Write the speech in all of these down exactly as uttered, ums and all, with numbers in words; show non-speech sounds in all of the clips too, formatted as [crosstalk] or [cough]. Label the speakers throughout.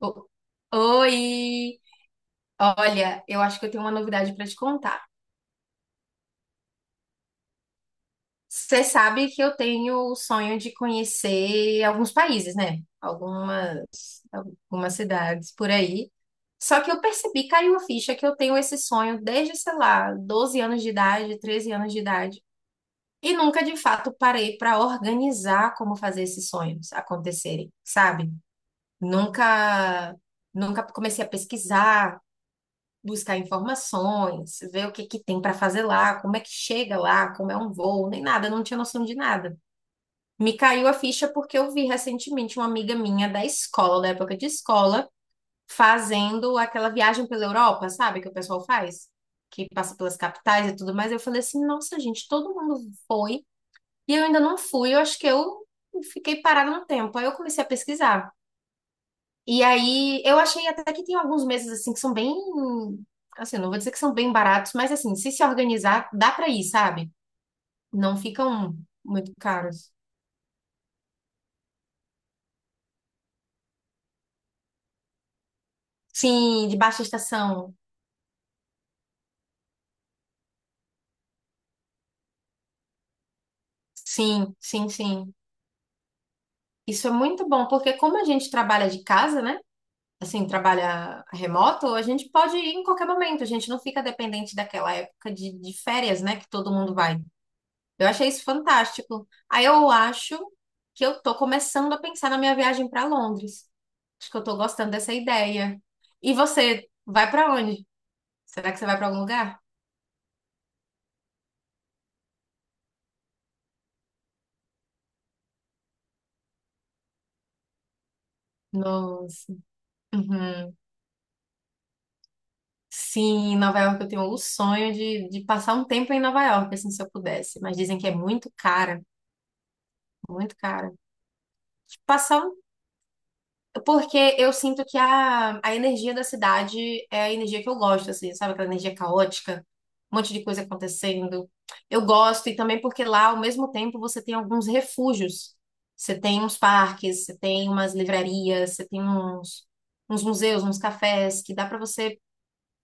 Speaker 1: O- Oi! Olha, eu acho que eu tenho uma novidade para te contar. Você sabe que eu tenho o sonho de conhecer alguns países, né? Algumas, algumas cidades por aí. Só que eu percebi, caiu a ficha, que eu tenho esse sonho desde, sei lá, doze anos de idade, treze anos de idade. E nunca, de fato, parei para organizar como fazer esses sonhos acontecerem, sabe? Nunca, nunca comecei a pesquisar, buscar informações, ver o que que tem para fazer lá, como é que chega lá, como é um voo, nem nada, eu não tinha noção de nada. Me caiu a ficha porque eu vi recentemente uma amiga minha da escola, da época de escola, fazendo aquela viagem pela Europa, sabe, que o pessoal faz, que passa pelas capitais e tudo mais. Eu falei assim: nossa, gente, todo mundo foi e eu ainda não fui, eu acho que eu fiquei parada no tempo. Aí eu comecei a pesquisar. E aí, eu achei até que tem alguns meses assim que são bem, assim, não vou dizer que são bem baratos, mas assim, se se organizar, dá pra ir, sabe? Não ficam muito caros. Sim, de baixa estação. Sim, sim, sim. Isso é muito bom, porque como a gente trabalha de casa, né? Assim, trabalha remoto, a gente pode ir em qualquer momento, a gente não fica dependente daquela época de, de férias, né? Que todo mundo vai. Eu achei isso fantástico. Aí eu acho que eu tô começando a pensar na minha viagem para Londres. Acho que eu tô gostando dessa ideia. E você vai para onde? Será que você vai para algum lugar? Nossa. Uhum. Sim, Nova York eu tenho o sonho de, de passar um tempo em Nova York, assim, se eu pudesse. Mas dizem que é muito cara, muito cara. Tipo, Passar porque eu sinto que a, a energia da cidade é a energia que eu gosto, assim, sabe? Aquela energia caótica, um monte de coisa acontecendo. Eu gosto, e também porque lá, ao mesmo tempo, você tem alguns refúgios. Você tem uns parques, você tem umas livrarias, você tem uns, uns museus, uns cafés, que dá pra você.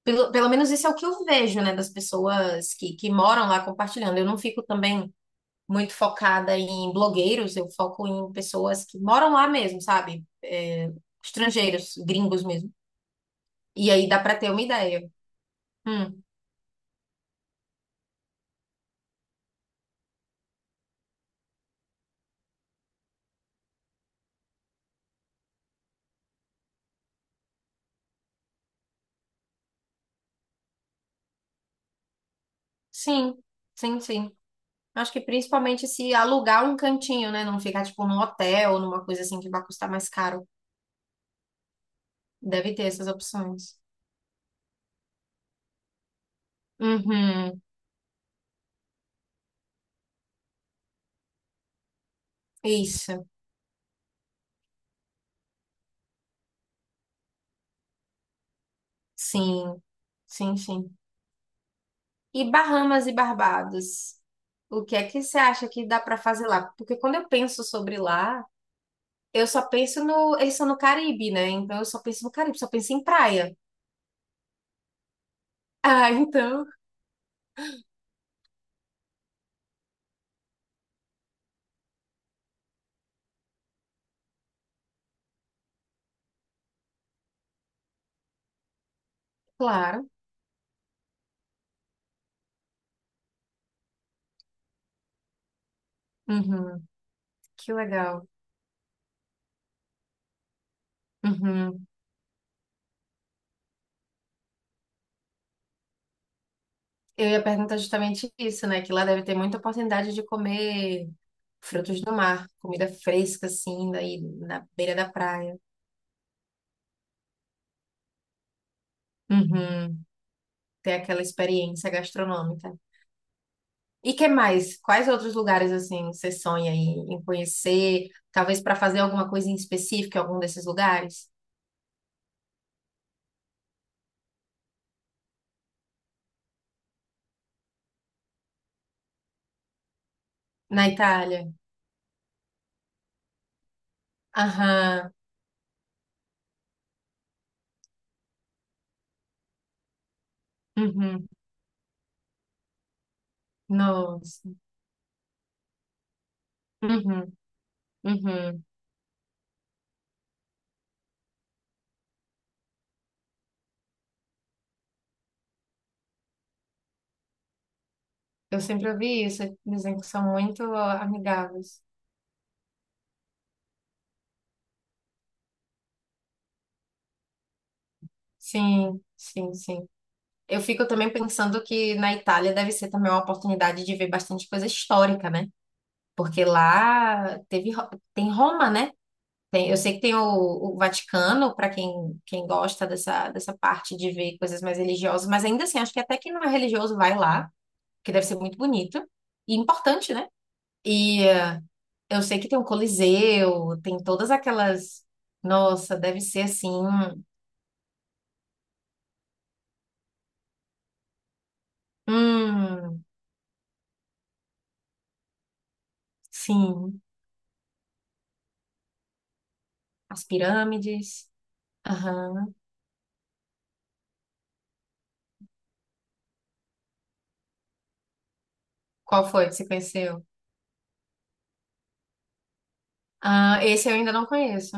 Speaker 1: Pelo, pelo menos isso é o que eu vejo, né, das pessoas que, que moram lá compartilhando. Eu não fico também muito focada em blogueiros, eu foco em pessoas que moram lá mesmo, sabe? É, estrangeiros, gringos mesmo. E aí dá para ter uma ideia. Hum, sim, sim, sim. Acho que principalmente se alugar um cantinho, né? Não ficar tipo num hotel, numa coisa assim que vai custar mais caro. Deve ter essas opções. Uhum, isso. Sim, sim, sim. E Bahamas e Barbados? O que é que você acha que dá para fazer lá? Porque quando eu penso sobre lá, eu só penso no. Eles são no Caribe, né? Então eu só penso no Caribe, só penso em praia. [laughs] Ah, então, claro. Uhum, que legal. Uhum. Eu ia perguntar justamente isso, né? Que lá deve ter muita oportunidade de comer frutos do mar, comida fresca, assim, daí na beira da praia. Uhum. Ter aquela experiência gastronômica. E que mais? Quais outros lugares, assim, você sonha em, em conhecer? Talvez para fazer alguma coisa em específico em algum desses lugares? Na Itália. Aham. Uhum. Nossa. Uhum. Uhum. Eu sempre ouvi isso, dizem que são muito amigáveis. Sim, sim, sim. Eu fico também pensando que na Itália deve ser também uma oportunidade de ver bastante coisa histórica, né? Porque lá teve, Ro- tem Roma, né? Tem, eu sei que tem o, o Vaticano, para quem, quem gosta dessa, dessa parte de ver coisas mais religiosas, mas ainda assim, acho que até quem não é religioso vai lá, que deve ser muito bonito e importante, né? E eh, eu sei que tem o Coliseu, tem todas aquelas. Nossa, deve ser assim. Hum, sim. As pirâmides. Aham. Qual foi que você conheceu? Ah, esse eu ainda não conheço.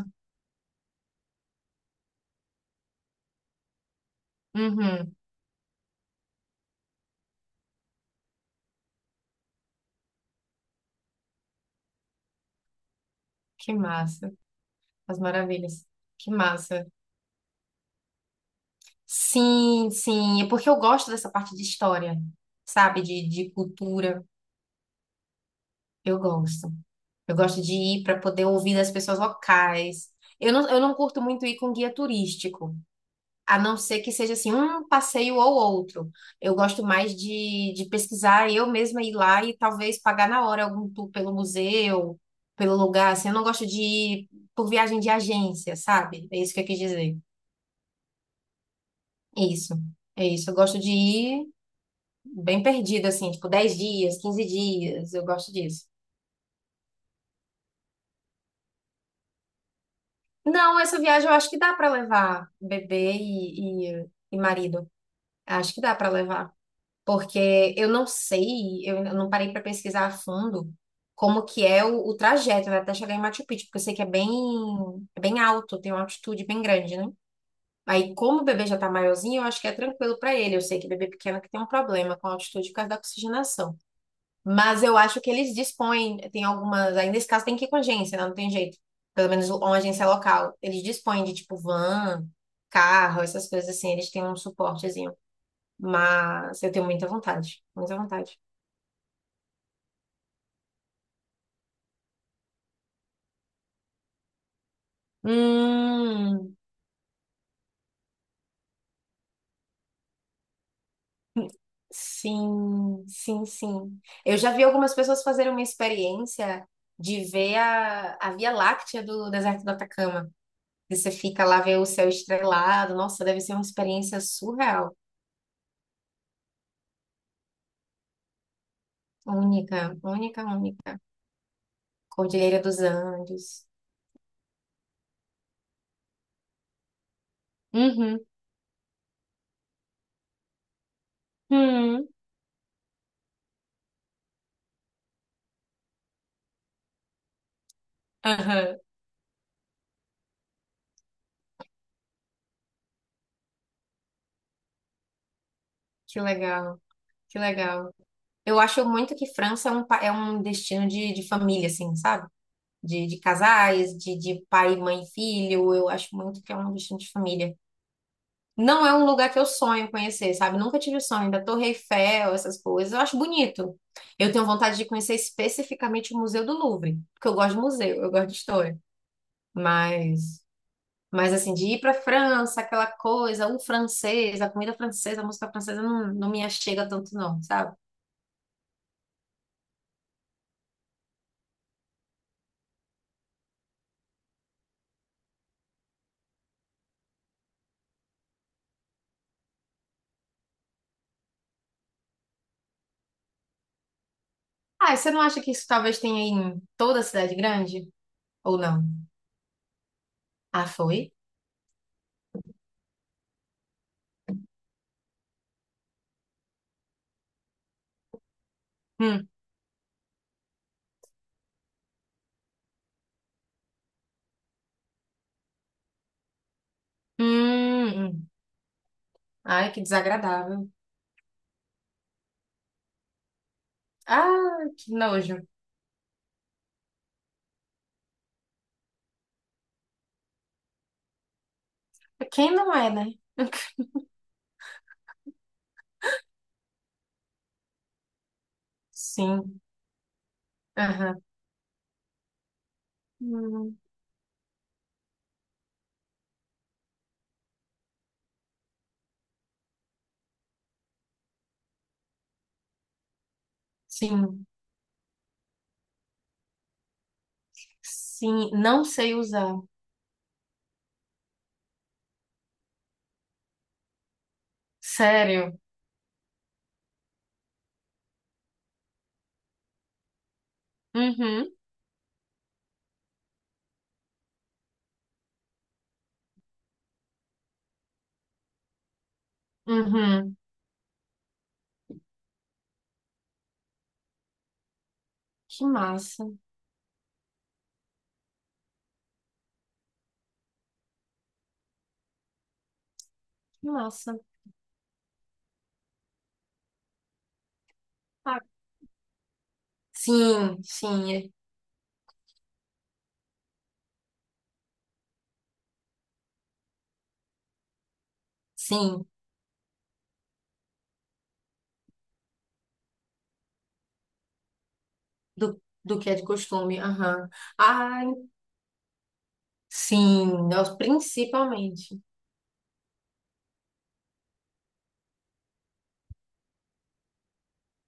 Speaker 1: Uhum. Que massa. As maravilhas. Que massa. Sim, sim. É porque eu gosto dessa parte de história, sabe? De, de cultura. Eu gosto. Eu gosto de ir para poder ouvir das pessoas locais. Eu não, eu não curto muito ir com guia turístico. A não ser que seja assim, um passeio ou outro. Eu gosto mais de, de pesquisar, eu mesma ir lá e talvez pagar na hora algum tour pelo museu, pelo lugar. Assim, eu não gosto de ir por viagem de agência, sabe? É isso que eu quis dizer. Isso, é isso. Eu gosto de ir bem perdida, assim, tipo dez dias, quinze dias. Eu gosto disso. Não, essa viagem eu acho que dá para levar bebê e, e, e marido. Acho que dá para levar, porque eu não sei, eu ainda não parei para pesquisar a fundo como que é o, o trajeto, né, até chegar em Machu Picchu, porque eu sei que é bem, é bem alto, tem uma altitude bem grande, né? Aí, como o bebê já tá maiorzinho, eu acho que é tranquilo para ele. Eu sei que bebê pequeno que tem um problema com a altitude por causa da oxigenação. Mas eu acho que eles dispõem, tem algumas, aí nesse caso tem que ir com agência, né? Não tem jeito. Pelo menos uma agência local. Eles dispõem de tipo van, carro, essas coisas assim, eles têm um suporte, mas eu tenho muita vontade, muita vontade. Hum, sim, sim, sim. Eu já vi algumas pessoas fazerem uma experiência de ver a, a Via Láctea do deserto do Atacama. E você fica lá, vê o céu estrelado. Nossa, deve ser uma experiência surreal. Única, única, única. Cordilheira dos Andes. Uhum. Uhum. Aham. Que legal, que legal. Eu acho muito que França é um, pa- é um destino de, de família, assim, sabe? de, de casais, de, de pai, mãe, filho. Eu acho muito que é uma questão de família. Não é um lugar que eu sonho conhecer, sabe? Nunca tive o sonho da Torre Eiffel, essas coisas. Eu acho bonito. Eu tenho vontade de conhecer especificamente o Museu do Louvre, porque eu gosto de museu, eu gosto de história. Mas, mas assim, de ir para França, aquela coisa, o francês, a comida francesa, a música francesa, não, não me achega tanto, não, sabe? Ah, e você não acha que isso talvez tenha em toda a cidade grande? Ou não? Ah, foi? Hum. Hum, hum. Ai, que desagradável. Ah, que nojo. Quem não é, né? [laughs] Sim. Aham. Hum, sim. Sim. Não sei usar. Sério. Uhum. Uhum. Que massa. Que massa. Ah, sim, sim. é- Sim. Do, do que é de costume. Aham. Ah, sim. nós- Principalmente.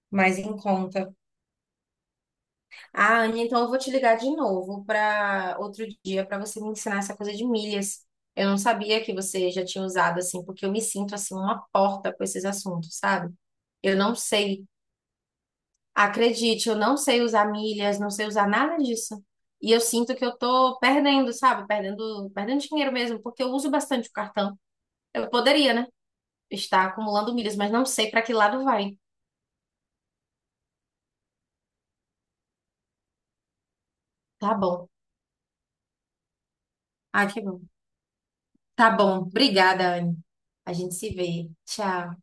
Speaker 1: Mais em conta. Ah, Anne, então eu vou te ligar de novo para outro dia para você me ensinar essa coisa de milhas. Eu não sabia que você já tinha usado assim, porque eu me sinto assim uma porta com esses assuntos, sabe? Eu não sei, acredite, eu não sei usar milhas, não sei usar nada disso. E eu sinto que eu tô perdendo, sabe? Perdendo, perdendo dinheiro mesmo, porque eu uso bastante o cartão. Eu poderia, né? Estar acumulando milhas, mas não sei para que lado vai. Tá bom. Ah, que bom. Tá bom. Obrigada, Anne. A gente se vê. Tchau.